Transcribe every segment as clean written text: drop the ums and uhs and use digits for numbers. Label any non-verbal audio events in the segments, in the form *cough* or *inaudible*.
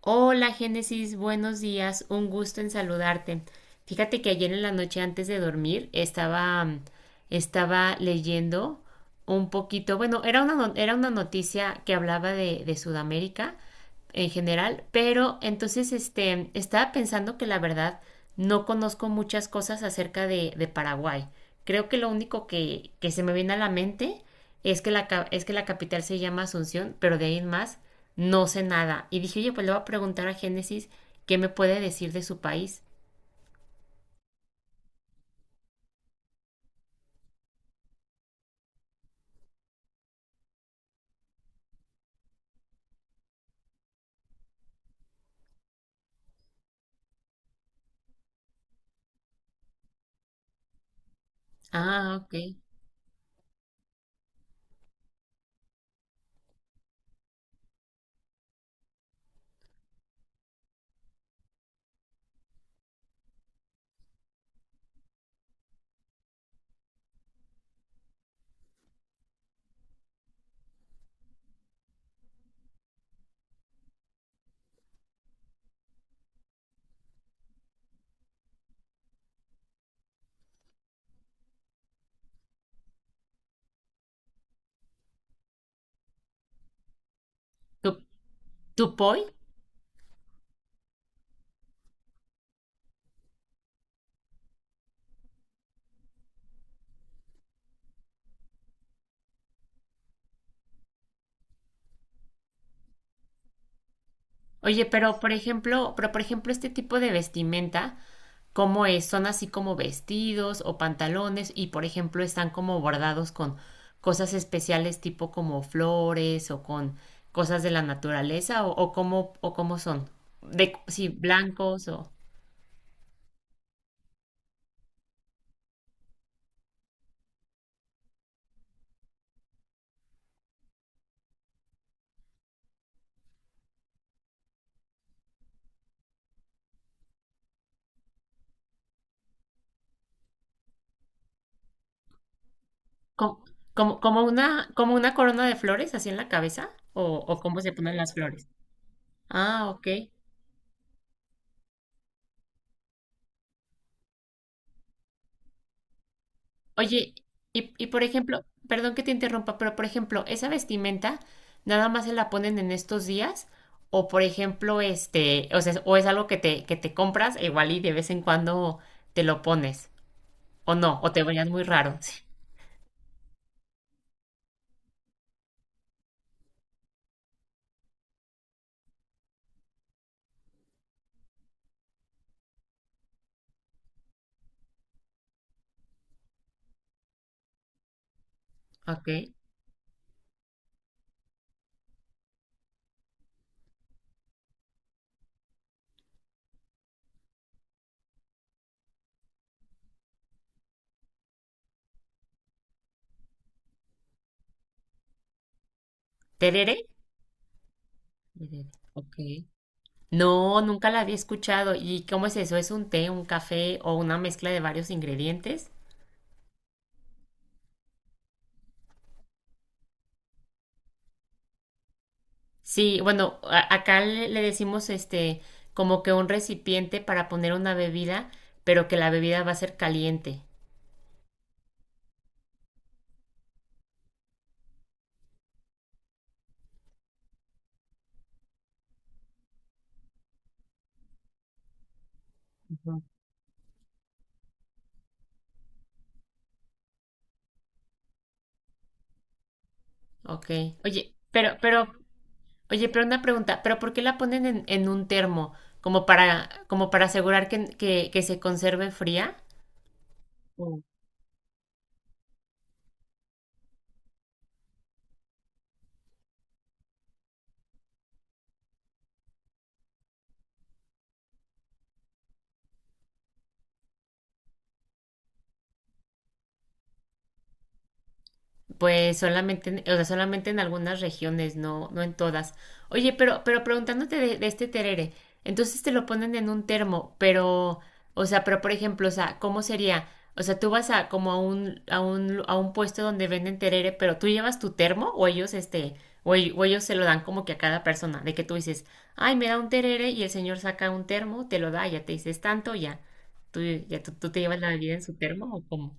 Hola Génesis, buenos días, un gusto en saludarte. Fíjate que ayer en la noche antes de dormir estaba, estaba leyendo un poquito, bueno, era una, no- era una noticia que hablaba de Sudamérica en general, pero entonces este, estaba pensando que la verdad no conozco muchas cosas acerca de Paraguay. Creo que lo único que se me viene a la mente es que, es que la capital se llama Asunción, pero de ahí en más no sé nada. Y dije, oye, pues le voy a preguntar a Génesis qué me puede decir de su país. Ah, ok. ¿Tu, Tupoi? Oye, pero por ejemplo, este tipo de vestimenta. Cómo es, son así como vestidos o pantalones y por ejemplo están como bordados con cosas especiales tipo como flores o con cosas de la naturaleza o cómo son de sí blancos o co- como una corona de flores así en la cabeza o cómo se ponen las flores. Ah, ok. Oye, y por ejemplo, perdón que te interrumpa, pero por ejemplo, esa vestimenta nada más se la ponen en estos días o por ejemplo, este, o sea, o es algo que te compras igual y de vez en cuando te lo pones o no, o te verías muy raro. Sí. Ok. ¿Terere? Terere, ok. No, nunca la había escuchado. ¿Y cómo es eso? ¿Es un té, un café o una mezcla de varios ingredientes? Sí, bueno, acá le decimos este como que un recipiente para poner una bebida, pero que la bebida va a ser caliente. Ok. Oye, oye, pero una pregunta, ¿pero por qué la ponen en un termo? ¿Como para, como para asegurar que se conserve fría? Pues solamente, o sea, solamente en algunas regiones, no, no en todas. Oye, pero preguntándote de este terere, entonces te lo ponen en un termo, pero, o sea, pero por ejemplo, o sea, ¿cómo sería? O sea, tú vas a como a un puesto donde venden terere, pero tú llevas tu termo o ellos, este, o, o ellos se lo dan como que a cada persona, de que tú dices, ay, me da un terere y el señor saca un termo, te lo da, ya te dices tanto, ya, tú te llevas la bebida en su termo o cómo.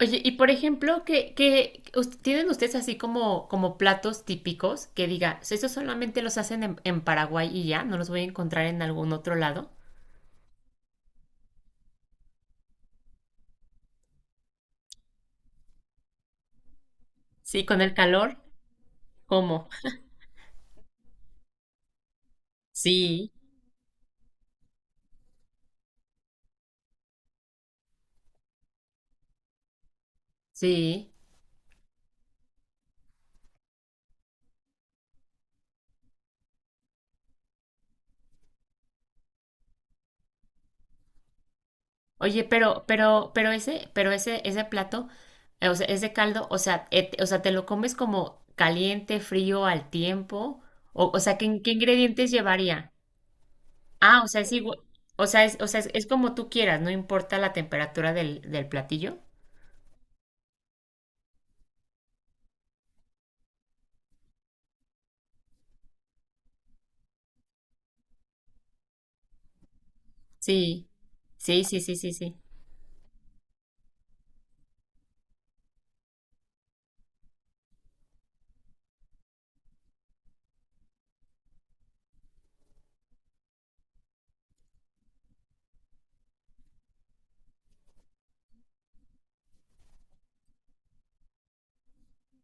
Oye, y por ejemplo, ¿ tienen ustedes así como, como platos típicos que diga, "So, ¿esos solamente los hacen en Paraguay y ya? ¿No los voy a encontrar en algún otro lado? Sí, con el calor, ¿cómo? Sí, sí. Oye, pero ese plato, o sea, ese caldo, o sea, o sea, ¿te lo comes como caliente, frío, al tiempo? O sea, ¿ qué ingredientes llevaría? Ah, o sea, es igual, o sea, es como tú quieras, no importa la temperatura del platillo. Sí, sí, sí, sí, sí, sí.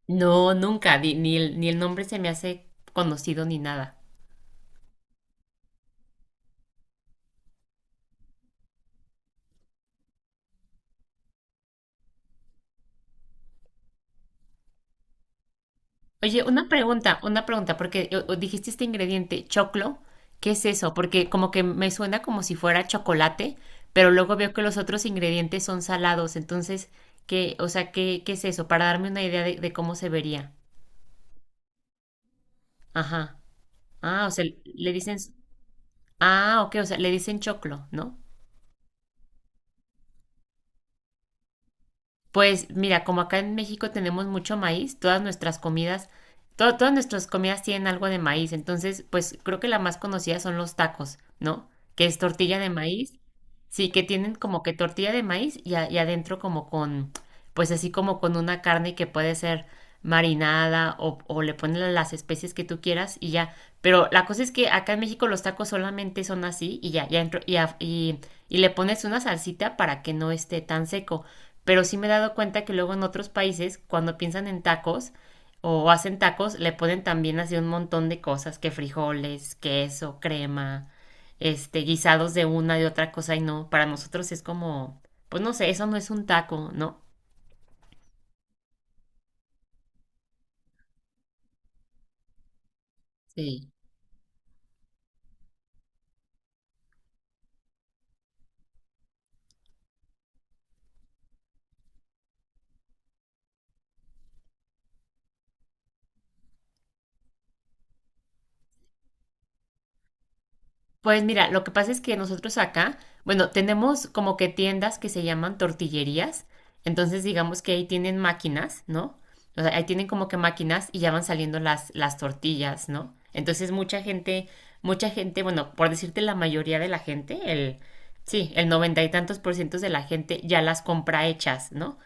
No, nunca, ni el, ni el nombre se me hace conocido ni nada. Oye, una pregunta, porque o dijiste este ingrediente, choclo, ¿qué es eso? Porque como que me suena como si fuera chocolate, pero luego veo que los otros ingredientes son salados, entonces, ¿qué, o sea, qué, qué es eso? Para darme una idea de cómo se vería. Ajá. Ah, o sea, le dicen, ah, ok, o sea, le dicen choclo, ¿no? Pues mira, como acá en México tenemos mucho maíz, todas nuestras comidas, todas nuestras comidas tienen algo de maíz, entonces pues creo que la más conocida son los tacos, ¿no? Que es tortilla de maíz. Sí, que tienen como que tortilla de maíz y, y adentro como con, pues así como con una carne que puede ser marinada o le ponen las especies que tú quieras y ya. Pero la cosa es que acá en México los tacos solamente son así y ya, y le pones una salsita para que no esté tan seco. Pero sí me he dado cuenta que luego en otros países, cuando piensan en tacos o hacen tacos, le ponen también así un montón de cosas, que frijoles, queso, crema este, guisados de una, de otra cosa y no, para nosotros es como, pues no sé, eso no es un taco, ¿no? Sí. Pues mira, lo que pasa es que nosotros acá, bueno, tenemos como que tiendas que se llaman tortillerías, entonces digamos que ahí tienen máquinas, ¿no? O sea, ahí tienen como que máquinas y ya van saliendo las tortillas, ¿no? Entonces mucha gente, bueno, por decirte la mayoría de la gente, sí, el 90 y tantos por ciento de la gente ya las compra hechas, ¿no?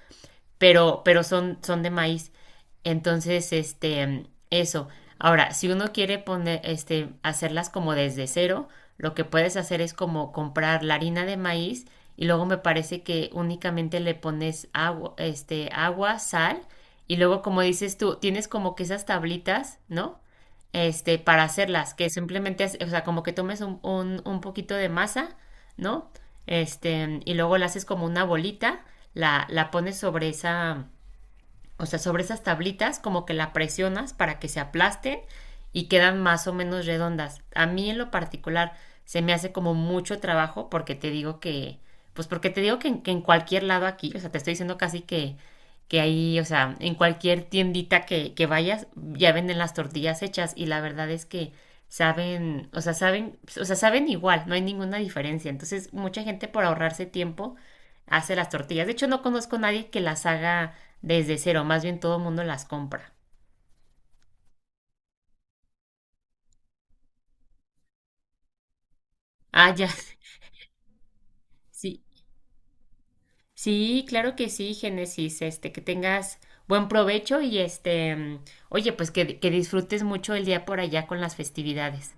Pero son de maíz. Entonces, este, eso. Ahora, si uno quiere poner, este, hacerlas como desde cero, lo que puedes hacer es como comprar la harina de maíz y luego me parece que únicamente le pones agua, este, agua, sal y luego como dices tú, tienes como que esas tablitas, ¿no? Este, para hacerlas, que simplemente, o sea, como que tomes un poquito de masa, ¿no? Este, y luego la haces como una bolita, la pones sobre esa, o sea, sobre esas tablitas como que la presionas para que se aplasten y quedan más o menos redondas. A mí en lo particular se me hace como mucho trabajo porque te digo que, pues porque te digo que en cualquier lado aquí, o sea, te estoy diciendo casi que ahí, o sea, en cualquier tiendita que vayas, ya venden las tortillas hechas y la verdad es que saben, o sea, saben, o sea, saben igual, no hay ninguna diferencia. Entonces, mucha gente por ahorrarse tiempo hace las tortillas. De hecho, no conozco a nadie que las haga desde cero, más bien todo el mundo las compra. Ah, ya. *laughs* Sí. Sí, claro que sí, Génesis, este, que tengas buen provecho y este, mm, oye, pues que disfrutes mucho el día por allá con las festividades.